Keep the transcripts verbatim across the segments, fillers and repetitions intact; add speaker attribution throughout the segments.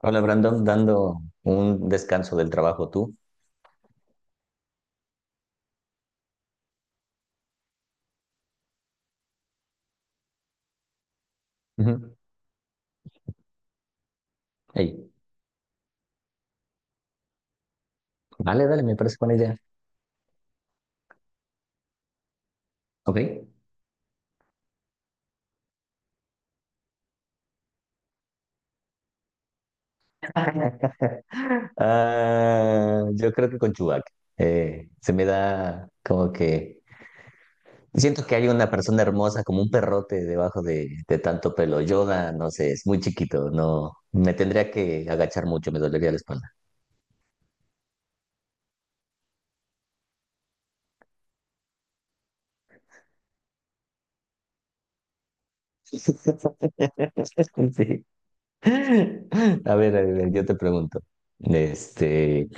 Speaker 1: Hola Brandon, dando un descanso del trabajo tú. Ujú. Ey, vale, dale, me parece buena idea. Ok. Ah, yo creo que con Chubac. Se me da como que siento que hay una persona hermosa como un perrote debajo de, de tanto pelo. Yoda, no sé, es muy chiquito, no me tendría que agachar mucho, me dolería la espalda. Sí. A ver, a ver, yo te pregunto. Este,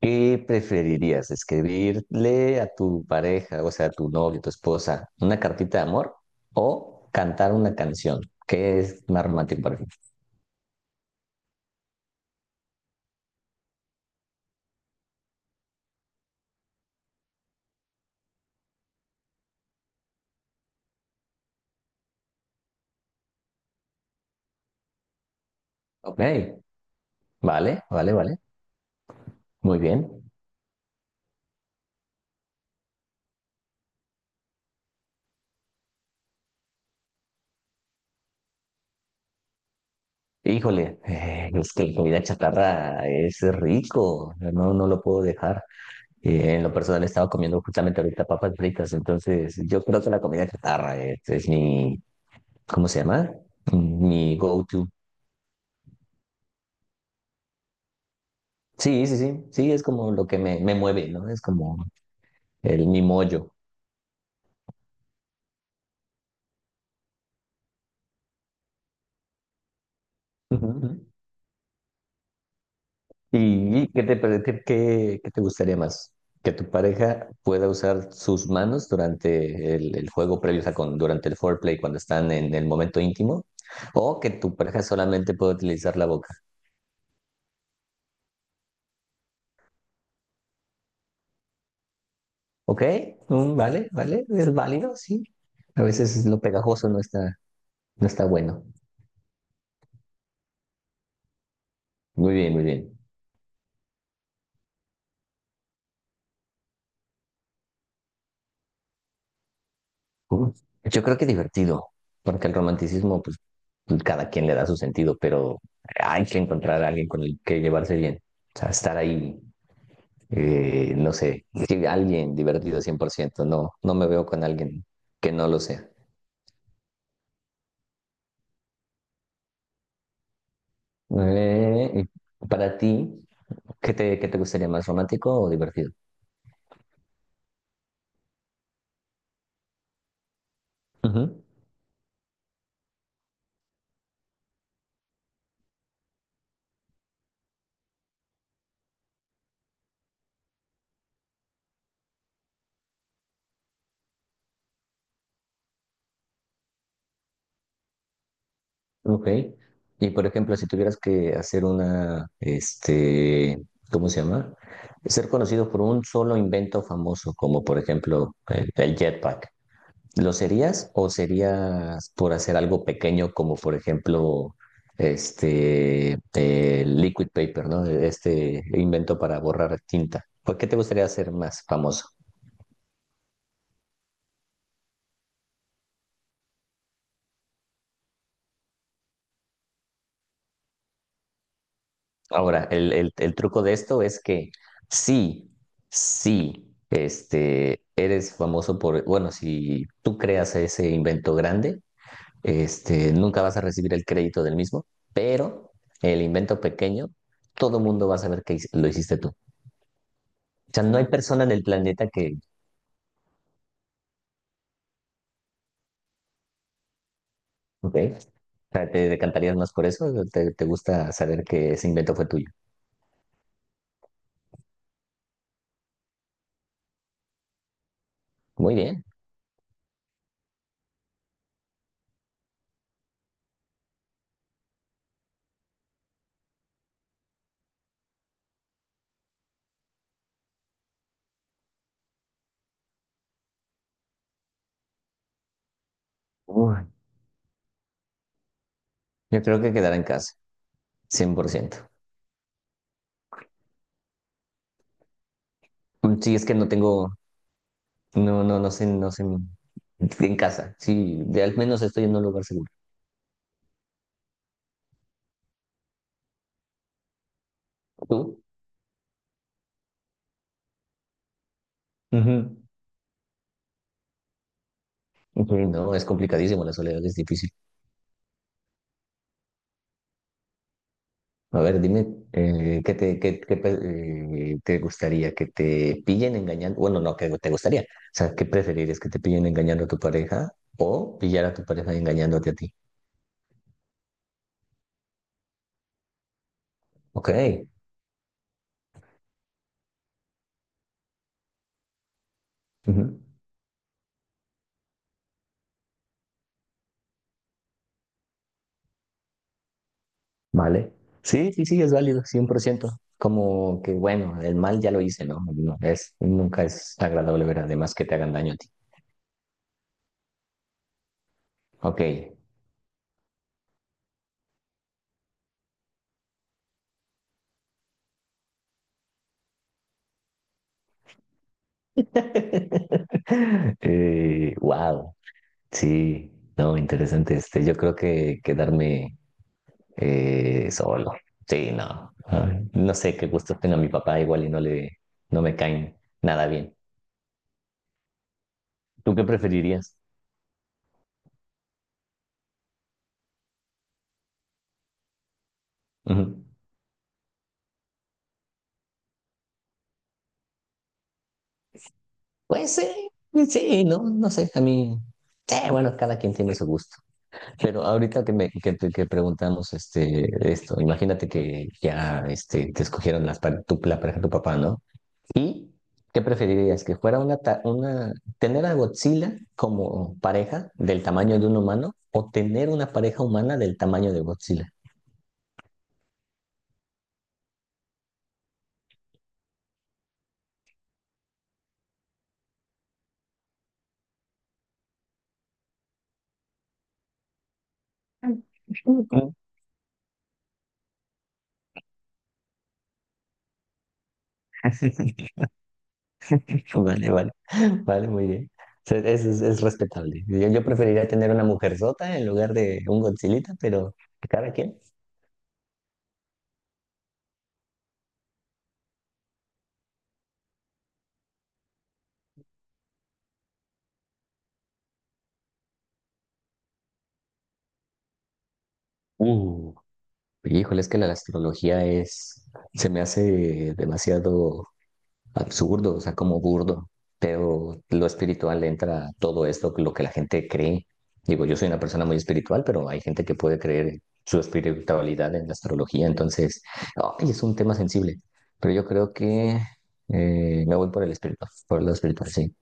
Speaker 1: ¿Qué preferirías? ¿Escribirle a tu pareja, o sea, a tu novio, tu esposa, una cartita de amor o cantar una canción? ¿Qué es más romántico para ti? Ok, vale, vale, vale. Muy bien. Híjole, eh, es que la comida chatarra es rico, no, no lo puedo dejar. Eh, en lo personal he estado comiendo justamente ahorita papas fritas, entonces yo creo que la comida chatarra es, es mi, ¿cómo se llama? Mi go-to. Sí, sí, sí, sí, es como lo que me, me mueve, ¿no? Es como el mi mollo. Ujú, ujú. ¿Y, y qué te, pare- qué, qué- qué te gustaría más? ¿Que tu pareja pueda usar sus manos durante el, el juego previo, o sea, con- durante el foreplay, cuando están en el momento íntimo? ¿O que tu pareja solamente pueda utilizar la boca? ¿Ok? Mm, vale, vale, es válido, sí. A veces lo pegajoso no está, no está bueno. Muy bien, muy bien. Uh, Yo creo que divertido, porque el romanticismo, pues pues, cada quien le da su sentido, pero hay que encontrar a alguien con el que llevarse bien. O sea, estar ahí, eh, no sé, sí, alguien divertido cien por ciento no, no me veo con alguien que no lo sea. Eh, y para ti, ¿qué te, qué te gustaría más, romántico o divertido? Ok. Y por ejemplo, si tuvieras que hacer una, este, ¿cómo se llama? Ser conocido por un solo invento famoso, como por ejemplo el, el jetpack, ¿lo serías o serías por hacer algo pequeño, como por ejemplo este el liquid paper, ¿no? Este invento para borrar tinta. ¿Por qué te gustaría ser más famoso? Ahora, el, el- el truco de esto es que sí, sí, este, eres famoso por, bueno, si tú creas ese invento grande, este, nunca vas a recibir el crédito del mismo, pero el invento pequeño, todo mundo va a saber que lo hiciste tú. O sea, no hay persona en el planeta que, ok, o sea, ¿te decantarías más por eso? ¿Te, te gusta saber que ese invento fue tuyo? Muy bien. Uy, yo creo que quedará en casa, cien por ciento. Sí, es que no tengo, no, no, no sé, no sé. En casa, sí, de al menos estoy en un lugar seguro. ¿Tú? Ujú. Ujú, no, es complicadísimo, la soledad es difícil. A ver, dime, eh, ¿qué te, qué, qué pe- eh, te gustaría? ¿Que te pillen engañando? Bueno, no, que te gustaría. O sea, ¿qué preferirías? ¿Que te pillen engañando a tu pareja o pillar a tu pareja engañándote a ti? Ok. Ujú. Vale. Sí, sí, sí, es válido, cien por ciento. Como que, bueno, el mal ya lo hice, ¿no? No, es, nunca es agradable ver además que te hagan daño. A ti. Ok. Eh, wow. Sí, no, interesante. Este, yo creo que quedarme eh, solo. Sí, no. Ay, no sé qué gustos tenga mi papá, igual y no le, no me caen nada bien. ¿Tú qué preferirías? Ujú. Pues sí, sí, no, no sé. A mí, sí, bueno, cada quien tiene su gusto. Pero ahorita que me que, te- que preguntamos este esto, imagínate que ya este, te escogieron las, par- tu, la pareja de tu papá, ¿no? ¿Y qué preferirías? ¿Que fuera una, ta- una, tener a Godzilla como pareja del tamaño de un humano o tener una pareja humana del tamaño de Godzilla? Ujú. Vale, vale, vale, muy bien. O sea, es, es, es respetable. Yo, yo preferiría tener una mujer sota en lugar de un Godzillita, pero cada quien. Uh, híjole, es que la astrología es, se me hace demasiado absurdo, o sea, como burdo, pero lo espiritual entra a todo esto, lo que la gente cree. Digo, yo soy una persona muy espiritual, pero hay gente que puede creer su espiritualidad en la astrología, entonces, ay, es un tema sensible, pero yo creo que eh, me voy por el espiritual, por lo espiritual, sí.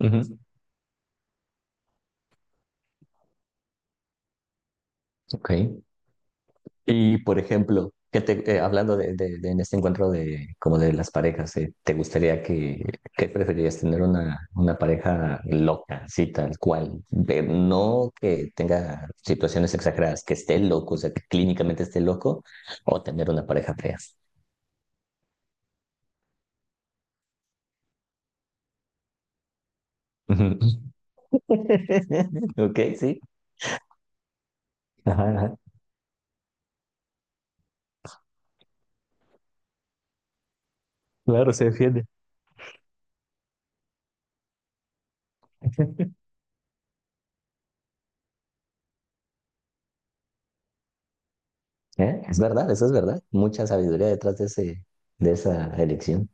Speaker 1: Ujú. Ok. Y, por ejemplo, que te, eh, hablando de, de- de- en este encuentro de, como de las parejas, eh, ¿te gustaría que, qué preferirías tener una, una pareja loca, así tal cual? De- no que tenga situaciones exageradas, que esté loco, o sea, que clínicamente esté loco, o tener una pareja fea. Ujú. Ok, sí. Ajá, ajá. Claro, se defiende. ¿Eh? Es verdad, eso es verdad. Mucha sabiduría detrás de ese, de esa elección.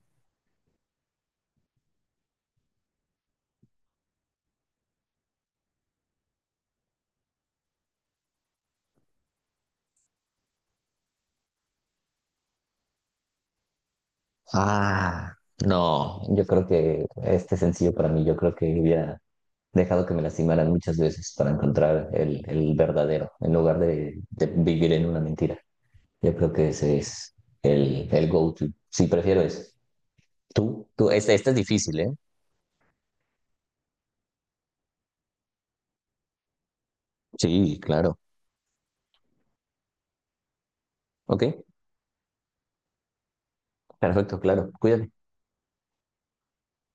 Speaker 1: Ah, no, yo creo que este sencillo para mí, yo creo que hubiera dejado que me lastimaran muchas veces para encontrar el, el verdadero, en lugar de, de vivir en una mentira. Yo creo que ese es el, el go-to. Sí, prefiero ese. Tú, tú, este, este es difícil, ¿eh? Sí, claro. Ok, perfecto, claro. Cuídate.